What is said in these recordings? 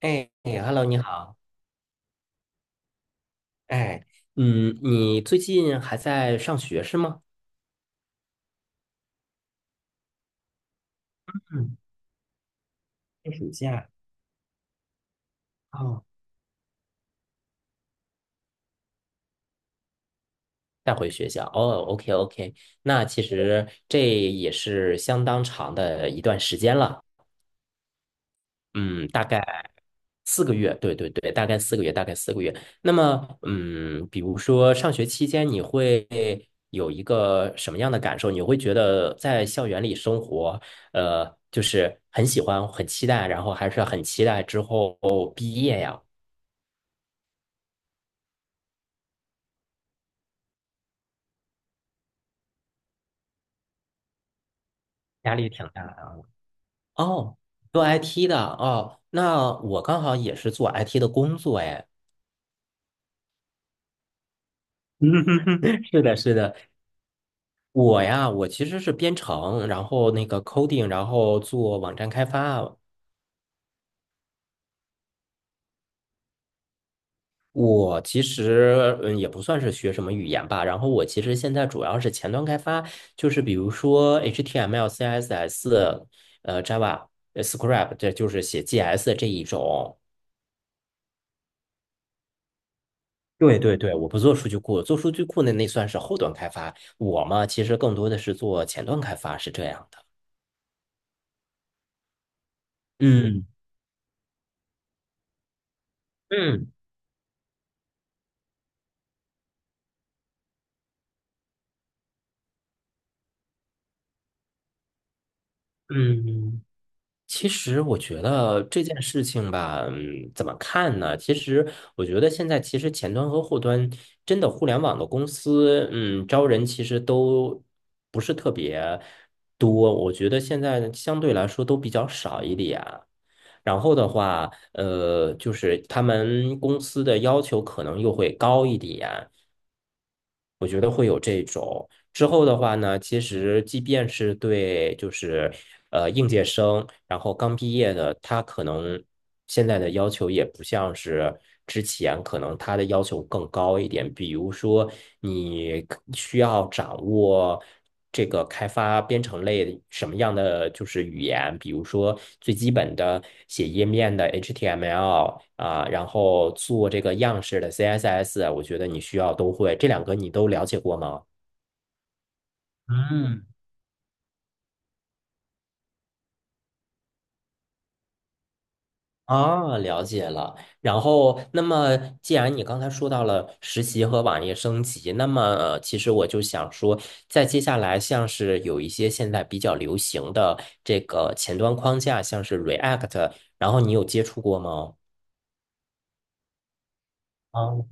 哎 h e l l o 你好。哎，嗯，你最近还在上学是吗？嗯，在暑假。哦，再回学校。哦，OK OK，那其实这也是相当长的一段时间了。嗯，大概四个月，对对对，大概四个月，大概四个月。那么，嗯，比如说上学期间，你会有一个什么样的感受？你会觉得在校园里生活，就是很喜欢、很期待，然后还是很期待之后毕业呀，压力挺大的。哦，做 IT 的哦，那我刚好也是做 IT 的工作哎。是的，是的，我呀，我其实是编程，然后那个 coding，然后做网站开发。我其实也不算是学什么语言吧，然后我其实现在主要是前端开发，就是比如说 HTML、CSS、Java、Script，这就是写 GS 这一种。对对对，我不做数据库，做数据库那算是后端开发。我嘛，其实更多的是做前端开发，是这样的。嗯嗯嗯。其实我觉得这件事情吧，怎么看呢？其实我觉得现在其实前端和后端真的互联网的公司，招人其实都不是特别多，我觉得现在相对来说都比较少一点。然后的话，就是他们公司的要求可能又会高一点，我觉得会有这种。之后的话呢，其实即便是对就是应届生，然后刚毕业的，他可能现在的要求也不像是之前，可能他的要求更高一点。比如说，你可需要掌握这个开发编程类什么样的就是语言，比如说最基本的写页面的 HTML 啊，然后做这个样式的 CSS，我觉得你需要都会。这两个你都了解过吗？嗯，啊，了解了。然后，那么既然你刚才说到了实习和网页升级，那么其实我就想说，在接下来像是有一些现在比较流行的这个前端框架，像是 React，然后你有接触过吗？啊，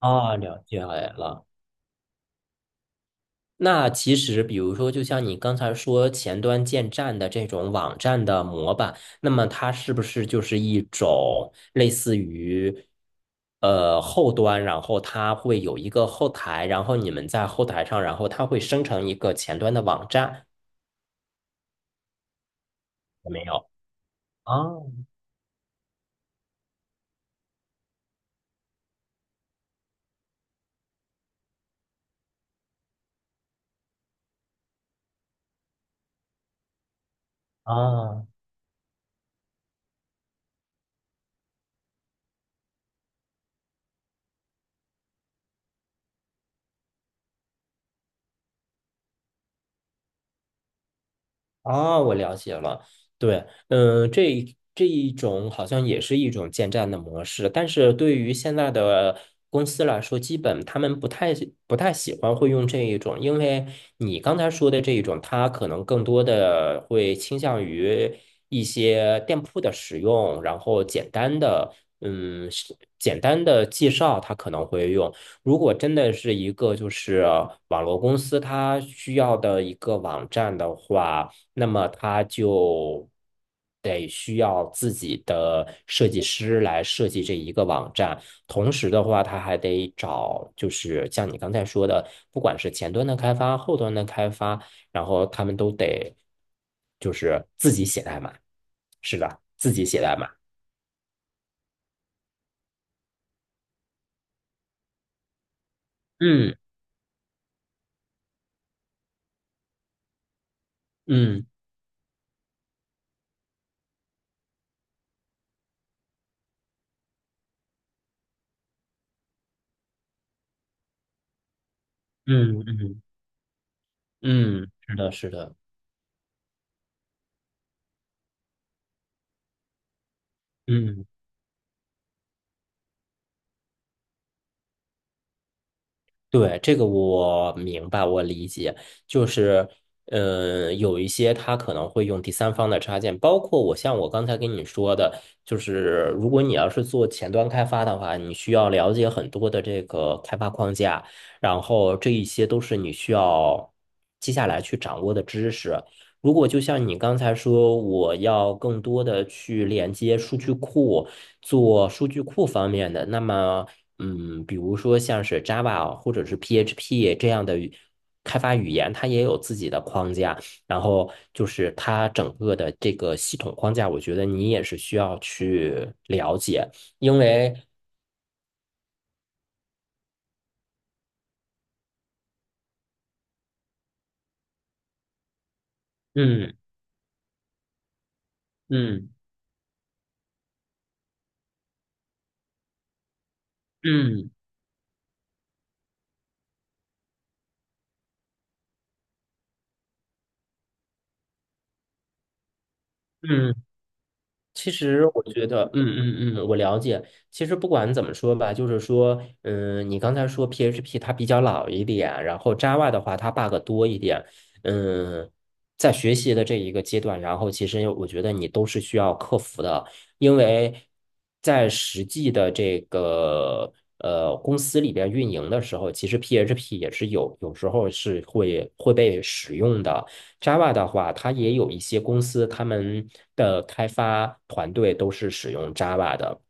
啊，了解了。那其实，比如说，就像你刚才说前端建站的这种网站的模板，那么它是不是就是一种类似于后端，然后它会有一个后台，然后你们在后台上，然后它会生成一个前端的网站，有没有？啊啊啊，我了解了。对，嗯，这一种好像也是一种建站的模式，但是对于现在的公司来说，基本他们不太喜欢会用这一种，因为你刚才说的这一种，它可能更多的会倾向于一些店铺的使用，然后简单的，嗯，是简单的介绍，它可能会用。如果真的是一个就是网络公司，它需要的一个网站的话。那么他就得需要自己的设计师来设计这一个网站，同时的话，他还得找，就是像你刚才说的，不管是前端的开发、后端的开发，然后他们都得就是自己写代码，是的，自己写代码。嗯嗯嗯嗯嗯，是的，是的，嗯。对，这个我明白，我理解，就是，嗯，有一些他可能会用第三方的插件，包括我像我刚才跟你说的，就是如果你要是做前端开发的话，你需要了解很多的这个开发框架，然后这一些都是你需要接下来去掌握的知识。如果就像你刚才说，我要更多的去连接数据库，做数据库方面的，那么。嗯，比如说像是 Java 或者是 PHP 这样的语开发语言，它也有自己的框架。然后就是它整个的这个系统框架，我觉得你也是需要去了解，因为嗯嗯嗯嗯其实我觉得，嗯嗯嗯，我了解。其实不管怎么说吧，就是说，嗯，你刚才说 PHP 它比较老一点，然后 Java 的话它 bug 多一点，嗯，在学习的这一个阶段，然后其实我觉得你都是需要克服的，因为在实际的这个公司里边运营的时候，其实 PHP 也是有时候是会被使用的。Java 的话，它也有一些公司，他们的开发团队都是使用 Java 的，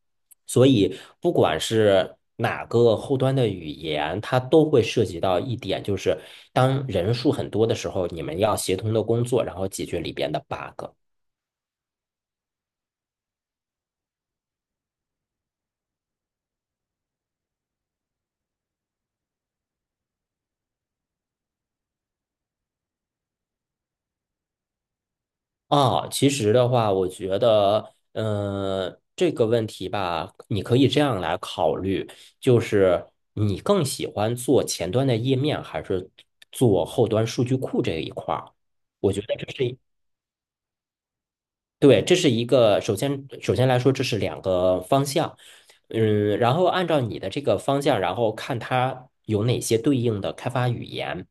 所以不管是哪个后端的语言，它都会涉及到一点，就是当人数很多的时候，你们要协同的工作，然后解决里边的 bug。啊，其实的话，我觉得，这个问题吧，你可以这样来考虑，就是你更喜欢做前端的页面，还是做后端数据库这一块儿？我觉得这是一对，这是一个，首先，首先来说，这是两个方向，然后按照你的这个方向，然后看它有哪些对应的开发语言。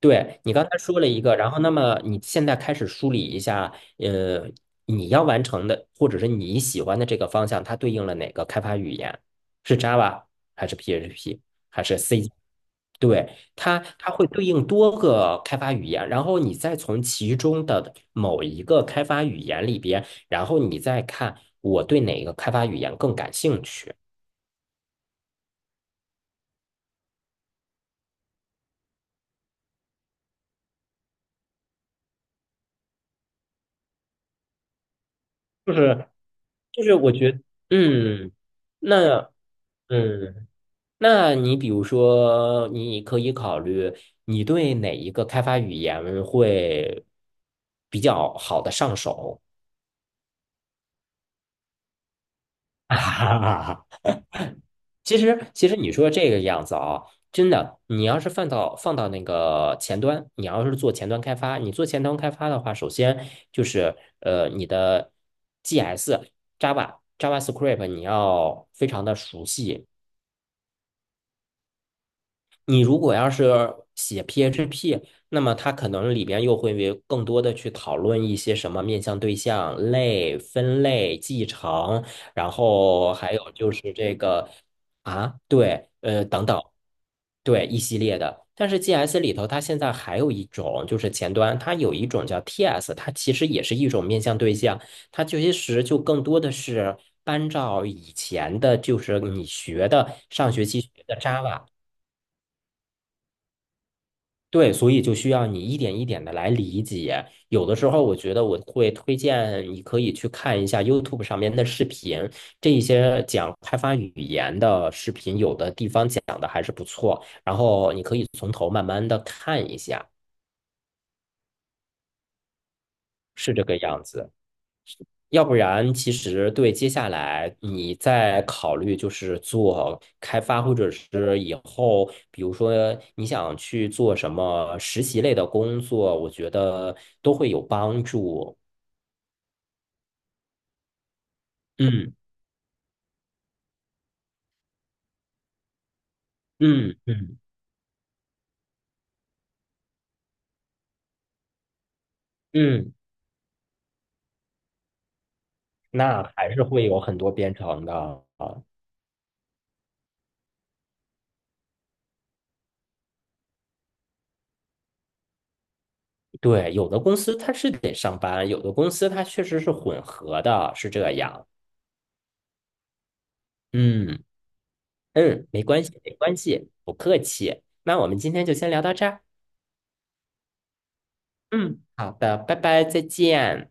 对，你刚才说了一个，然后那么你现在开始梳理一下，你要完成的或者是你喜欢的这个方向，它对应了哪个开发语言？是 Java 还是 PHP 还是 C？对，它会对应多个开发语言，然后你再从其中的某一个开发语言里边，然后你再看我对哪个开发语言更感兴趣。就是就是，我觉得，嗯，那嗯。那你比如说，你可以考虑你对哪一个开发语言会比较好的上手。其实你说这个样子啊，真的，你要是放到那个前端，你要是做前端开发，你做前端开发的话，首先就是你的 GS、Java、JavaScript 你要非常的熟悉，你如果要是写 PHP，那么它可能里边又会为更多的去讨论一些什么面向对象、类、分类、继承，然后还有就是这个啊，对，等等。对，一系列的。但是 GS 里头，它现在还有一种，就是前端，它有一种叫 TS，它其实也是一种面向对象，它其实就更多的是搬照以前的，就是你学的上学期学的 Java，对，所以就需要你一点一点的来理解。有的时候，我觉得我会推荐你可以去看一下 YouTube 上面的视频，这一些讲开发语言的视频，有的地方讲的还是不错。然后你可以从头慢慢的看一下，是这个样子。要不然，其实对接下来你再考虑就是做开发，或者是以后，比如说你想去做什么实习类的工作，我觉得都会有帮助。嗯嗯嗯嗯，那还是会有很多编程的啊。对，有的公司它是得上班，有的公司它确实是混合的，是这样。嗯嗯，没关系，没关系，不客气。那我们今天就先聊到这儿。嗯，好的，拜拜，再见。